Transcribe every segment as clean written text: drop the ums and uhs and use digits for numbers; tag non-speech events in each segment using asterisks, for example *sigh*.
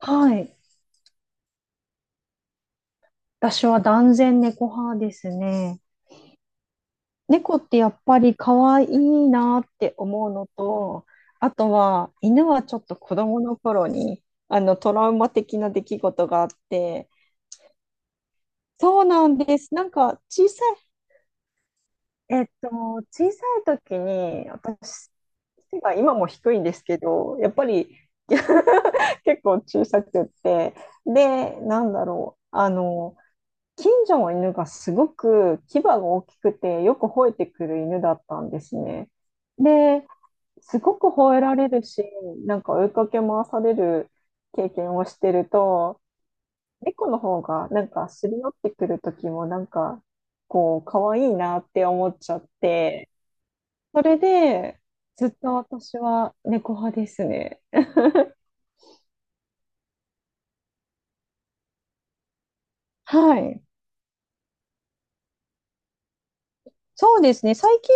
はい。私は断然猫派ですね。猫ってやっぱり可愛いなって思うのと、あとは犬はちょっと子供の頃にトラウマ的な出来事があって、そうなんです。なんかい、えっと、小さい時に私、背が今も低いんですけど、やっぱり *laughs* 結構小さくって、で、近所の犬がすごく牙が大きくてよく吠えてくる犬だったんですね。で、すごく吠えられるし、なんか追いかけ回される経験をしてると、猫の方がなんかすり寄ってくる時もなんかこう可愛いなって思っちゃって、それでずっと私は猫派ですね。はい。そうですね。最近、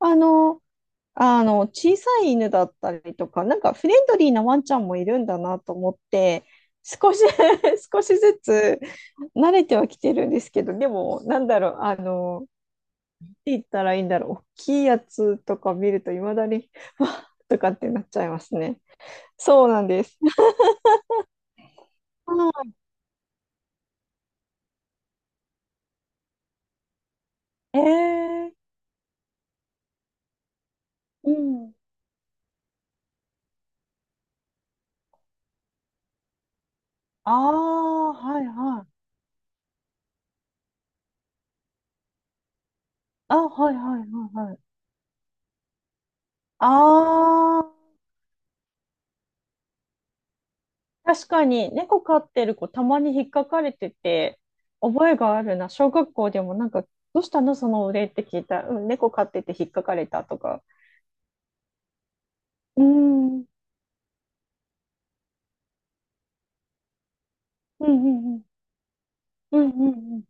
あの、小さい犬だったりとか、なんかフレンドリーなワンちゃんもいるんだなと思って、少し *laughs* 少しずつ慣れてはきてるんですけど、でも、って言ったらいいんだろう、大きいやつとか見ると、いまだに、*laughs* わっとかってなっちゃいますね。そうなんです。あー、えー、うん。ああ、はいはい。あ、はいはいはいはい。ああ。確かに、猫飼ってる子たまに引っかかれてて、覚えがあるな。小学校でもなんか、どうしたのそのお礼って聞いたら、うん、猫飼ってて引っかかれたとか。うーん、うん、うん、うん、うん、うん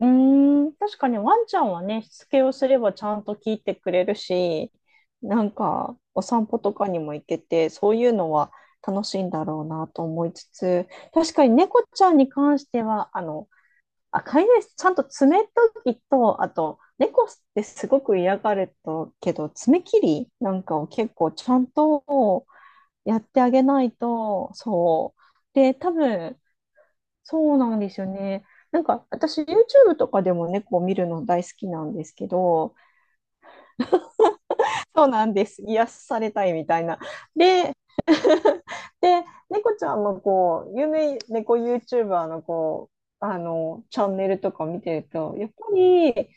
うん。うーん、確かにワンちゃんはね、しつけをすればちゃんと聞いてくれるし、なんか、お散歩とかにも行けて、そういうのは楽しいんだろうなと思いつつ、確かに猫ちゃんに関しては、飼い主、ちゃんと爪研ぎと、あと、猫ってすごく嫌がるとけど、爪切りなんかを結構ちゃんとやってあげないと、そう。で、多分、そうなんですよね。なんか、私、YouTube とかでも猫を見るの大好きなんですけど、そうなんです。癒されたいみたいな。で、で、猫ちゃんのこう、有名猫 YouTuber のこう、チャンネルとか見てると、やっぱり、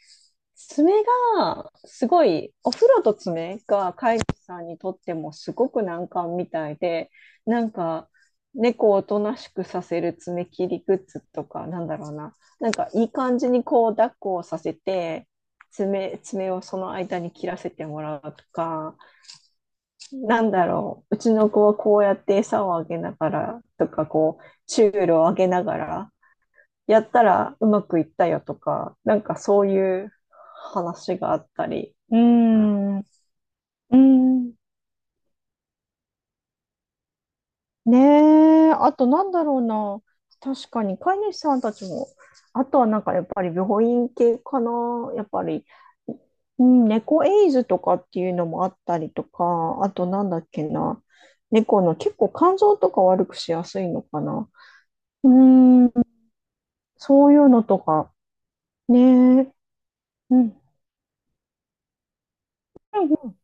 爪すごい、お風呂と爪が飼い主さんにとってもすごく難関みたいで、なんか、猫をおとなしくさせる爪切りグッズとか、なんだろうな、なんかいい感じにこう、抱っこをさせて、爪をその間に切らせてもらうとか、うちの子はこうやって餌をあげながらとか、こう、チュールをあげながら、やったらうまくいったよとか、なんかそういう話があったり、うーん。うーん。ねえ、あとなんだろうな。確かに飼い主さんたちも、あとはなんかやっぱり病院系かな。やっぱり、うん猫エイズとかっていうのもあったりとか、あとなんだっけな。猫の結構肝臓とか悪くしやすいのかな。うーん、そういうのとか。ねえ。うん。うんうん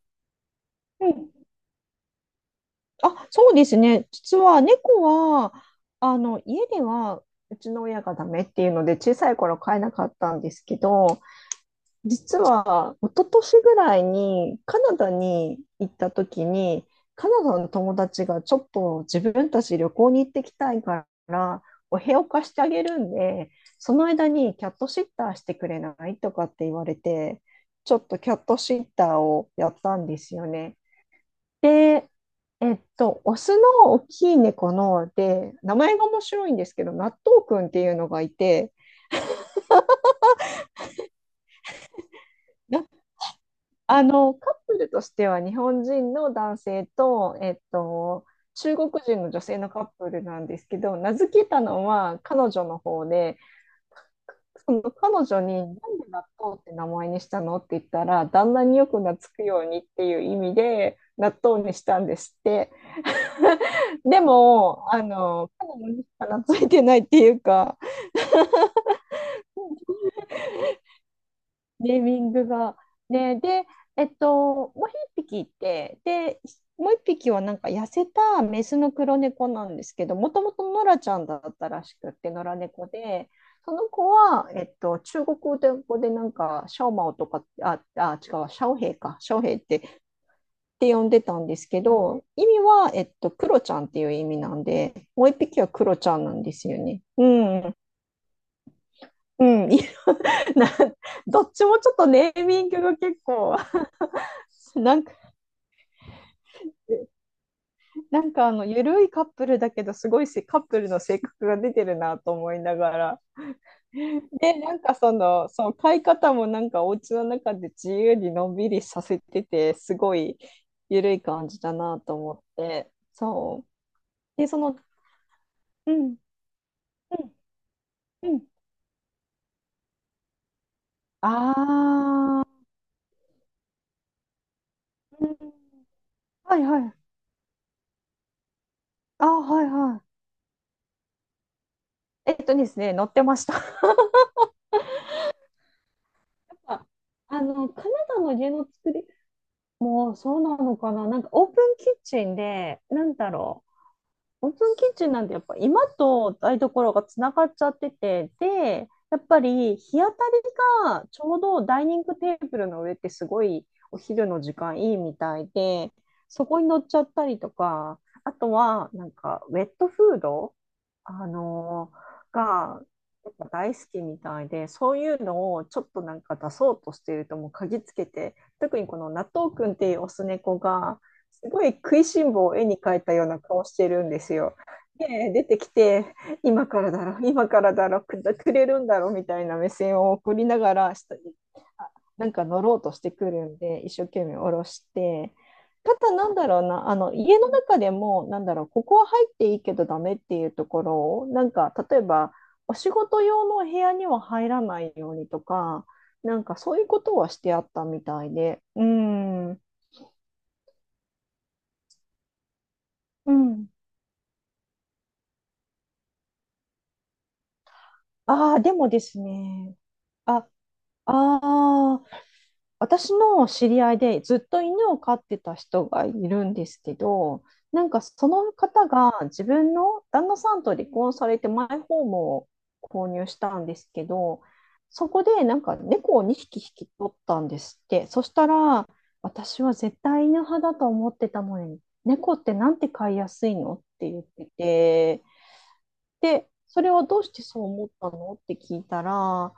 うんあ、そうですね。実は猫は、家ではうちの親がダメっていうので、小さい頃飼えなかったんですけど、実は一昨年ぐらいにカナダに行った時に、カナダの友達がちょっと自分たち旅行に行ってきたいから、お部屋を貸してあげるんで、その間にキャットシッターしてくれないとかって言われて、ちょっとキャットシッターをやったんですよね。で、オスの大きい猫ので、名前が面白いんですけど、納豆くんっていうのがいて、なあの、カップルとしては日本人の男性と、中国人の女性のカップルなんですけど、名付けたのは彼女の方で、その彼女になんで納豆って名前にしたのって言ったら、旦那によく懐くようにっていう意味で、納豆にしたんですって。でも、彼女にしか懐いてないっていうか、ネーミングが。ね、で、えっと、もう一匹いて、で、もう一匹はなんか痩せたメスの黒猫なんですけど、もともと野良ちゃんだったらしくって、野良猫で、その子は、中国語でなんか、シャオマオとか、あ、違う、シャオヘイか、シャオヘイって呼んでたんですけど、意味は、クロちゃんっていう意味なんで、もう一匹はクロちゃんなんですよね。うん、うん、いやなどっちもちょっとネーミングが結構 *laughs* なんか、なんかゆるいカップルだけど、すごいせカップルの性格が出てるなと思いながら。で、なんかその買い方もなんかお家の中で自由にのんびりさせてて、すごいゆるい感じだなと思って。そう。で、うん、うん、うん。あー、うんはいはい。あー、はいはい。えっとですね、乗ってました。*laughs* カナダの家の作りもうそうなのかな。なんかオープンキッチンで、なんだろう。オープンキッチンなんてやっぱ今と台所がつながっちゃってて、で、やっぱり日当たりがちょうどダイニングテーブルの上ってすごいお昼の時間いいみたいで、そこに乗っちゃったりとか、あとはなんかウェットフードあのがやっぱ大好きみたいで、そういうのをちょっとなんか出そうとしているともう嗅ぎつけて、特にこの納豆くんっていうオス猫が、すごい食いしん坊を絵に描いたような顔してるんですよ。で、出てきて、今からだろ、今からだろ、くれるんだろみたいな目線を送りながら、下にあなんか乗ろうとしてくるんで、一生懸命下ろして、ただなんだろうな、あの家の中でも、なんだろう、ここは入っていいけどダメっていうところを、なんか例えば、お仕事用の部屋には入らないようにとか、なんかそういうことはしてあったみたいで、うん、うん。ああ、でもですね、あ、あ私の知り合いでずっと犬を飼ってた人がいるんですけど、なんかその方が自分の旦那さんと離婚されてマイホームを購入したんですけど、そこでなんか猫を2匹引き取ったんですって。そしたら、私は絶対犬派だと思ってたのに、猫ってなんて飼いやすいのって言ってて、で、それはどうしてそう思ったのって聞いたら、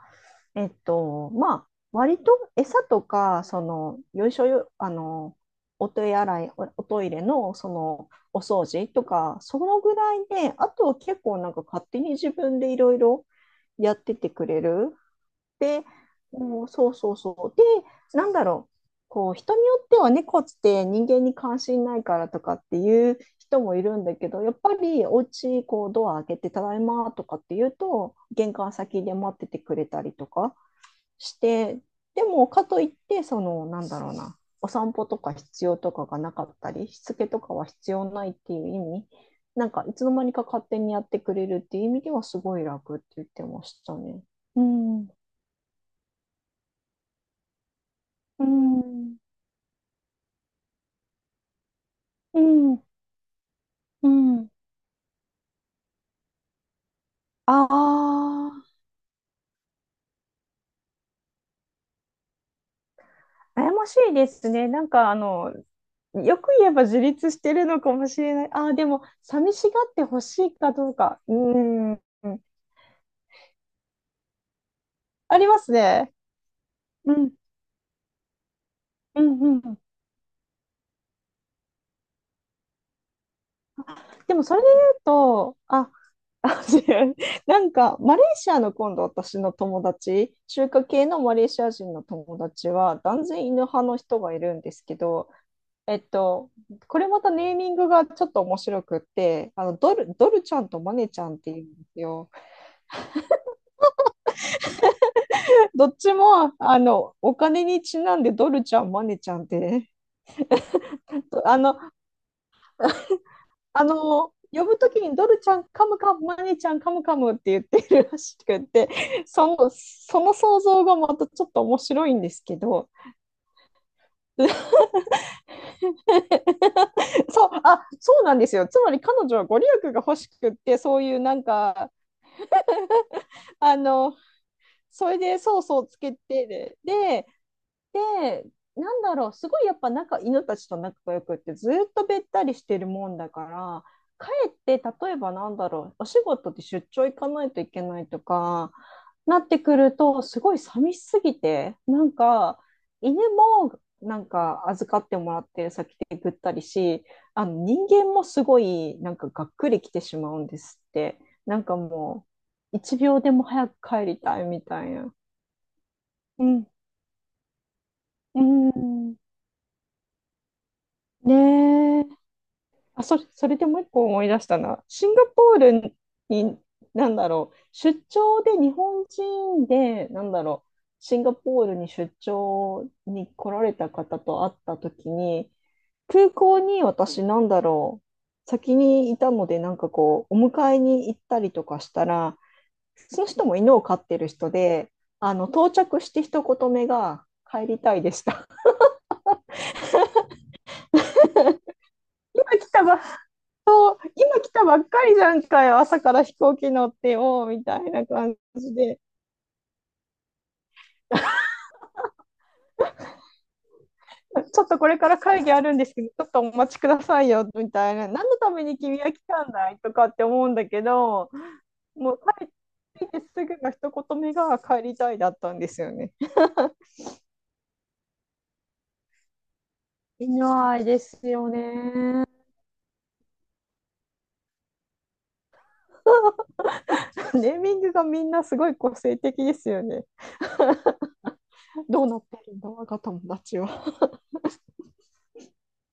まあ、割と餌とか、その、よいしょよ、あの、お手洗い、お、おトイレの、お掃除とか、そのぐらいで、あとは結構なんか勝手に自分でいろいろやっててくれる。で、うんそうそうそう。で、なんだろう。こう、人によってはね猫って人間に関心ないからとかっていう人もいるんだけど、やっぱりお家、こう、ドア開けて、ただいまとかって言うと、玄関先で待っててくれたりとか。して、でもかといって、なんだろうな、お散歩とか必要とかがなかったり、しつけとかは必要ないっていう意味、なんかいつの間にか勝手にやってくれるっていう意味ではすごい楽って言ってましたね。うん、うん、うん、うん。ああ、悩ましいですね。よく言えば自立してるのかもしれない。ああ、でも、寂しがってほしいかどうか。うーん。ありますね。うん、うん、うん。でもそれで言うと、あ、あ違うなんかマレーシアの今度私の友達、中華系のマレーシア人の友達は断然犬派の人がいるんですけど、えっと、これまたネーミングがちょっと面白くって、ドルちゃんとマネちゃんって言うんですよ。*laughs* どっちもお金にちなんでドルちゃん、マネちゃんってあの呼ぶときにドルちゃんカムカム、マニーちゃんカムカムって言ってるらしくて、*laughs* その想像がまたちょっと面白いんですけど、*laughs* そう、あ、そうなんですよ。つまり彼女はご利益が欲しくって、そういうなんか、あの、それでソースをつけて、で、なんだろう、すごいやっぱ犬たちと仲が良くってずっとべったりしてるもんだから、かえって例えばなんだろう、お仕事で出張行かないといけないとか、なってくると、すごい寂しすぎて、犬もなんか預かってもらってる先でぐったりし、あの人間もすごいなんかがっくり来てしまうんですって。なんかもう、一秒でも早く帰りたいみたいな。うん。うん。ね、それでもう一個思い出したな。シンガポールに、なんだろう、出張で日本人で、なんだろう、シンガポールに出張に来られた方と会った時に、空港に私、なんだろう、先にいたので、なんかこう、お迎えに行ったりとかしたら、その人も犬を飼ってる人で、到着して一言目が、帰りたいでした。*laughs* 今来たばっ今来たばっかりじゃんかよ、朝から飛行機乗ってよ、みたいな感じで、 *laughs*、ちょっとこれから会議あるんですけど、ちょっとお待ちくださいよ、みたいな、何のために君は来たんだいとかって思うんだけど、もう帰ってきてすぐの一言目が帰りたいだったんですよね。犬愛ですよね。*laughs* ネーミングがみんなすごい個性的ですよね。どうなってるんだ、我が友達は。